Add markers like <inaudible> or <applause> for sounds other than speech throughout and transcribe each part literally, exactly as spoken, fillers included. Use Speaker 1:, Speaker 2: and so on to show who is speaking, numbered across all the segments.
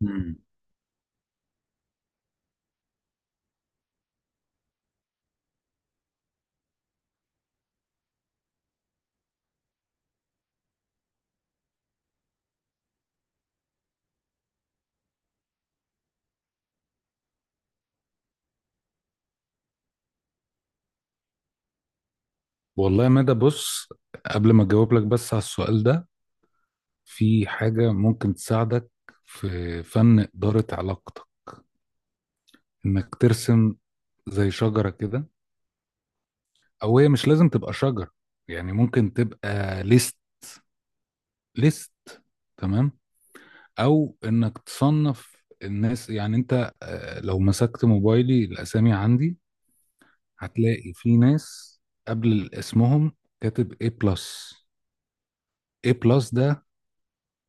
Speaker 1: مم. والله يا مدى بص، قبل ما اجاوب لك بس على السؤال ده، في حاجة ممكن تساعدك في فن إدارة علاقتك، انك ترسم زي شجرة كده، او هي مش لازم تبقى شجرة. يعني ممكن تبقى ليست، ليست تمام او انك تصنف الناس. يعني انت آه، لو مسكت موبايلي الاسامي عندي، هتلاقي في ناس قبل اسمهم كاتب A بلس. A بلس ده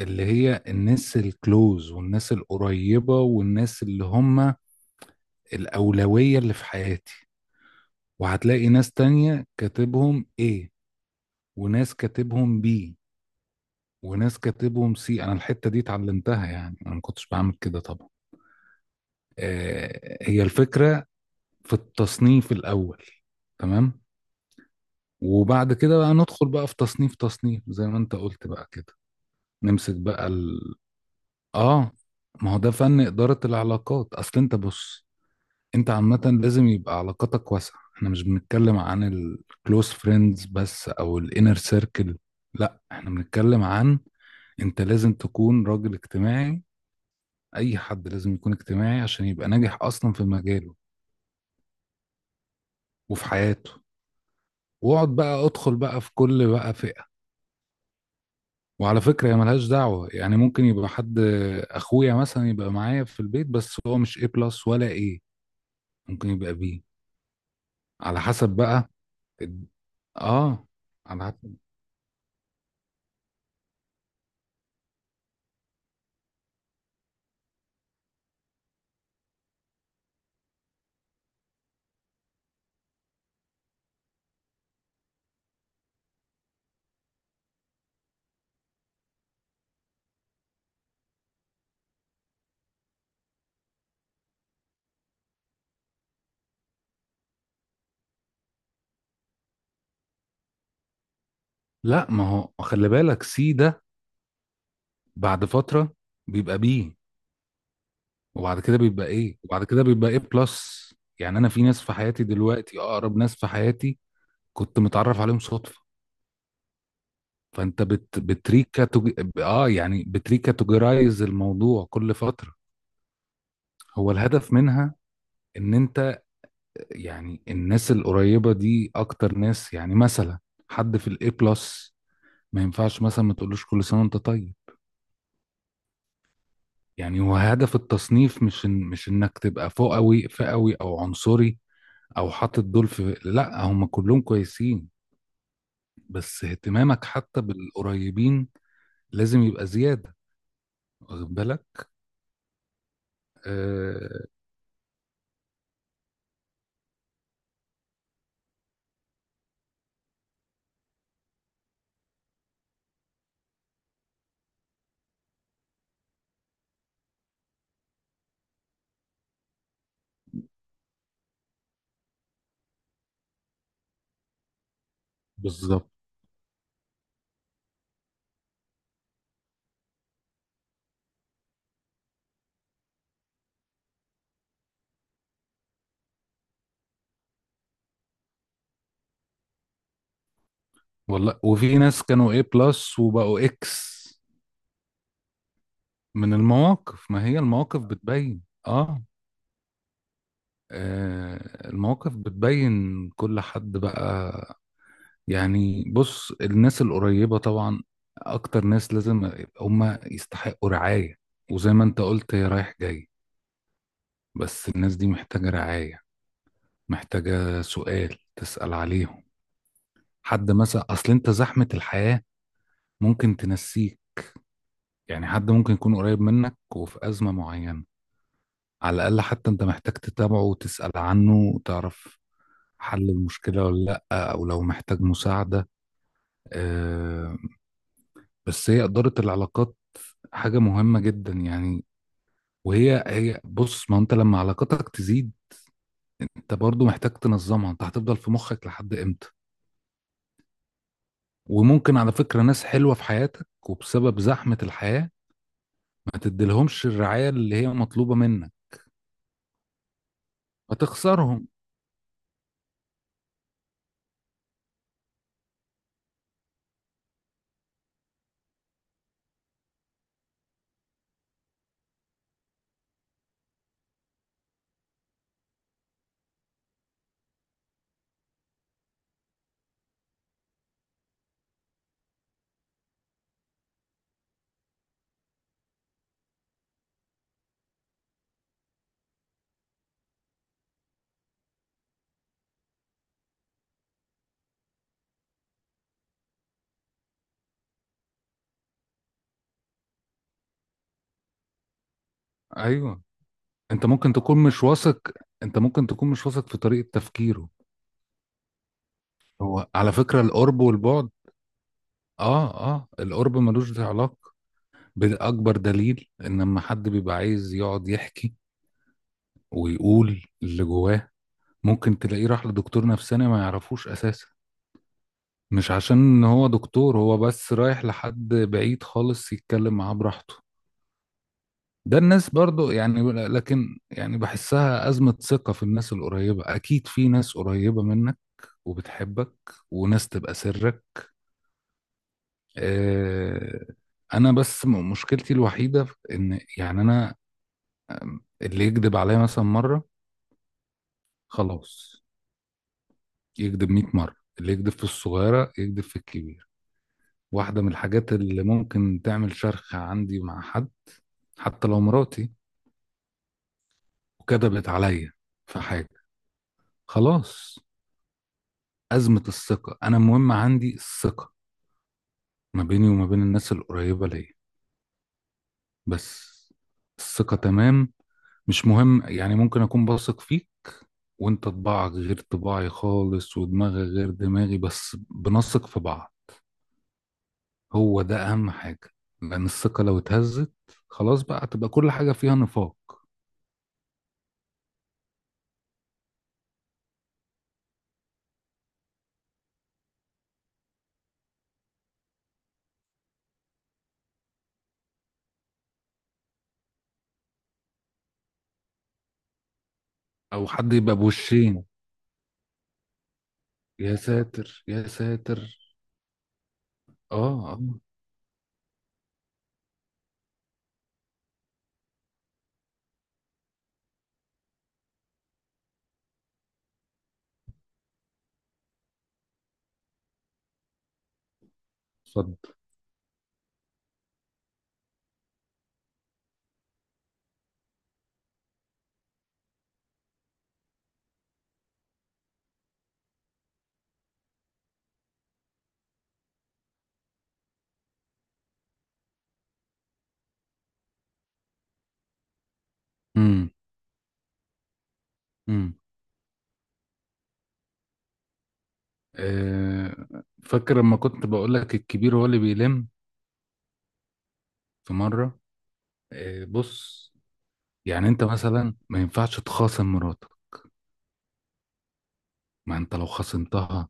Speaker 1: اللي هي الناس الكلوز والناس القريبة والناس اللي هم الأولوية اللي في حياتي. وهتلاقي ناس تانية كاتبهم ايه، وناس كاتبهم بي، وناس كاتبهم سي. أنا الحتة دي اتعلمتها، يعني أنا ما كنتش بعمل كده طبعا. آه، هي الفكرة في التصنيف الأول، تمام. وبعد كده بقى ندخل بقى في تصنيف تصنيف زي ما أنت قلت بقى كده. نمسك بقى ال... آه، ما هو ده فن إدارة العلاقات. أصل أنت بص، انت عامة لازم يبقى علاقاتك واسعة. احنا مش بنتكلم عن الكلوز فريندز بس او الانر سيركل، لا احنا بنتكلم عن انت لازم تكون راجل اجتماعي. اي حد لازم يكون اجتماعي عشان يبقى ناجح اصلا في مجاله وفي حياته. واقعد بقى ادخل بقى في كل بقى فئة. وعلى فكرة هي ملهاش دعوة، يعني ممكن يبقى حد اخويا مثلا يبقى معايا في البيت بس هو مش ايه بلس ولا ايه، ممكن يبقى بي على حسب بقى. اه، على، لا ما هو خلي بالك سي ده بعد فترة بيبقى بي، وبعد كده بيبقى ايه، وبعد كده بيبقى ايه بلس. يعني انا في ناس في حياتي دلوقتي اقرب ناس في حياتي كنت متعرف عليهم صدفة. فانت بت بتريكاتوج، اه، يعني بتريكاتوجرايز الموضوع كل فترة. هو الهدف منها ان انت، يعني الناس القريبة دي اكتر ناس، يعني مثلا حد في الاي بلس ما ينفعش مثلا ما تقولوش كل سنة وانت طيب. يعني هو هدف التصنيف مش إن، مش انك تبقى فوقوي فئوي او عنصري او حاطط دول في، لا هم كلهم كويسين، بس اهتمامك حتى بالقريبين لازم يبقى زيادة، واخد بالك. آه، بالظبط. والله وفي ناس كانوا ايه بلس وبقوا اكس. من المواقف، ما هي المواقف بتبين اه, آه، المواقف بتبين كل حد بقى. يعني بص، الناس القريبة طبعا أكتر ناس لازم هم يستحقوا رعاية. وزي ما أنت قلت هي رايح جاي، بس الناس دي محتاجة رعاية، محتاجة سؤال تسأل عليهم. حد مثلا، أصل أنت زحمة الحياة ممكن تنسيك. يعني حد ممكن يكون قريب منك وفي أزمة معينة، على الأقل حتى أنت محتاج تتابعه وتسأل عنه وتعرف حل المشكلة ولا لأ، أو لو محتاج مساعدة. آه، بس هي إدارة العلاقات حاجة مهمة جدا يعني. وهي هي بص، ما انت لما علاقتك تزيد انت برضو محتاج تنظمها. انت هتفضل في مخك لحد امتى؟ وممكن على فكرة ناس حلوة في حياتك وبسبب زحمة الحياة ما تديلهمش الرعاية اللي هي مطلوبة منك، فتخسرهم. ايوه، انت ممكن تكون مش واثق، انت ممكن تكون مش واثق في طريقة تفكيره. هو على فكرة القرب والبعد، اه، اه، القرب ملوش، ده علاقة بأكبر دليل ان لما حد بيبقى عايز يقعد يحكي ويقول اللي جواه، ممكن تلاقيه راح لدكتور نفساني ما يعرفوش اساسا. مش عشان ان هو دكتور، هو بس رايح لحد بعيد خالص يتكلم معاه براحته. ده الناس برضو يعني، لكن يعني بحسها أزمة ثقة في الناس القريبة. أكيد في ناس قريبة منك وبتحبك وناس تبقى سرك. آه، أنا بس م- مشكلتي الوحيدة في إن يعني أنا، آم، اللي يكذب عليا مثلا مرة، خلاص، يكذب مية مرة. اللي يكذب في الصغيرة يكذب في الكبيرة. واحدة من الحاجات اللي ممكن تعمل شرخ عندي مع حد، حتى لو مراتي وكذبت عليا في حاجة، خلاص. أزمة الثقة، أنا المهم عندي الثقة ما بيني وما بين الناس القريبة ليا، بس. الثقة تمام، مش مهم، يعني ممكن أكون بثق فيك وأنت طباعك غير طباعي خالص ودماغي غير دماغي، بس بنثق في بعض، هو ده أهم حاجة. لأن الثقة لو اتهزت، خلاص بقى هتبقى كل حاجة فيها نفاق. أو حد يبقى بوشين، يا ساتر يا ساتر. اه اه. صد. امم. امم. آه، فاكر لما كنت بقول لك الكبير هو اللي بيلم؟ في مره، آه، بص، يعني انت مثلا ما ينفعش تخاصم مراتك. ما انت لو خاصمتها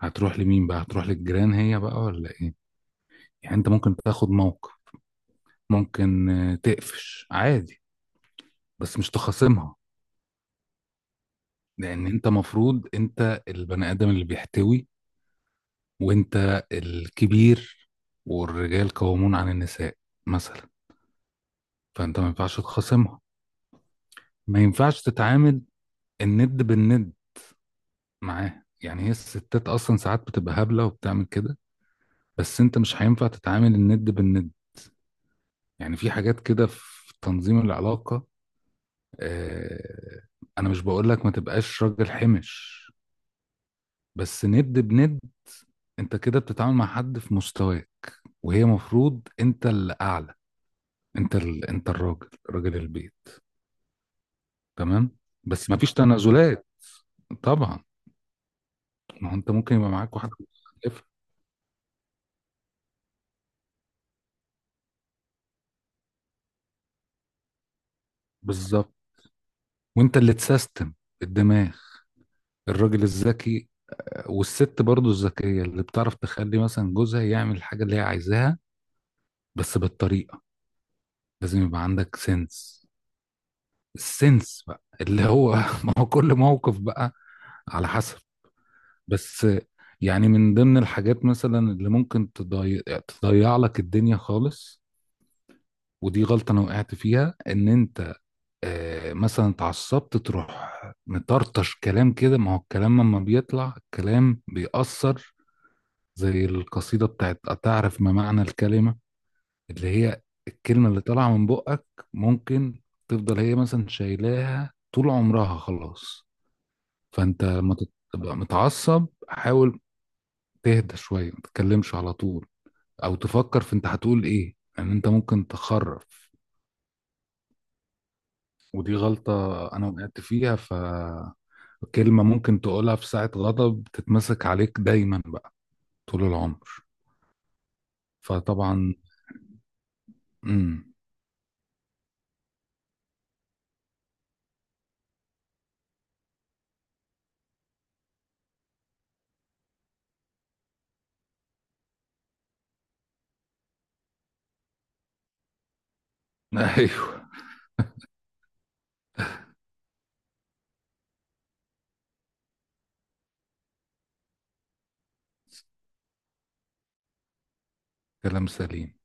Speaker 1: هتروح لمين بقى؟ هتروح للجيران هي بقى ولا ايه؟ يعني انت ممكن تاخد موقف، ممكن آه، تقفش عادي، بس مش تخاصمها. لان انت مفروض انت البني ادم اللي بيحتوي، وانت الكبير، والرجال قوامون عن النساء مثلا. فانت ما ينفعش تخاصمها، ما ينفعش تتعامل الند بالند معاها. يعني هي الستات اصلا ساعات بتبقى هبله وبتعمل كده، بس انت مش هينفع تتعامل الند بالند. يعني في حاجات كده في تنظيم العلاقه، آه، انا مش بقول لك ما تبقاش راجل حمش، بس ند بند انت كده بتتعامل مع حد في مستواه، وهي مفروض انت اللي اعلى. انت ال... انت الراجل، راجل البيت، تمام. بس ما فيش تنازلات، طبعا. ما هو انت ممكن يبقى معاك واحد مختلفة. بالظبت. وانت اللي تسيستم الدماغ، الراجل الذكي، والست برضو الذكية اللي بتعرف تخلي مثلا جوزها يعمل الحاجة اللي هي عايزاها، بس بالطريقة. لازم يبقى عندك سنس. السنس بقى اللي هو <laughs> ما هو كل موقف بقى على حسب. بس يعني من ضمن الحاجات مثلا اللي ممكن تضيع، تضيع لك الدنيا خالص، ودي غلطة انا وقعت فيها، ان انت آه، مثلا اتعصبت تروح مطرطش كلام كده. ما هو الكلام لما بيطلع الكلام بيأثر، زي القصيدة بتاعت أتعرف ما معنى الكلمة، اللي هي الكلمة اللي طالعة من بقك ممكن تفضل هي مثلا شايلاها طول عمرها، خلاص. فأنت لما تت- تبقى متعصب حاول تهدى شوية، ما تتكلمش على طول، أو تفكر في أنت هتقول إيه. لأن يعني أنت ممكن تخرف. ودي غلطة أنا وقعت فيها، فكلمة ممكن تقولها في ساعة غضب تتمسك عليك دايما بقى طول العمر. فطبعا. امم. <laughs> أيوه. كلام سليم.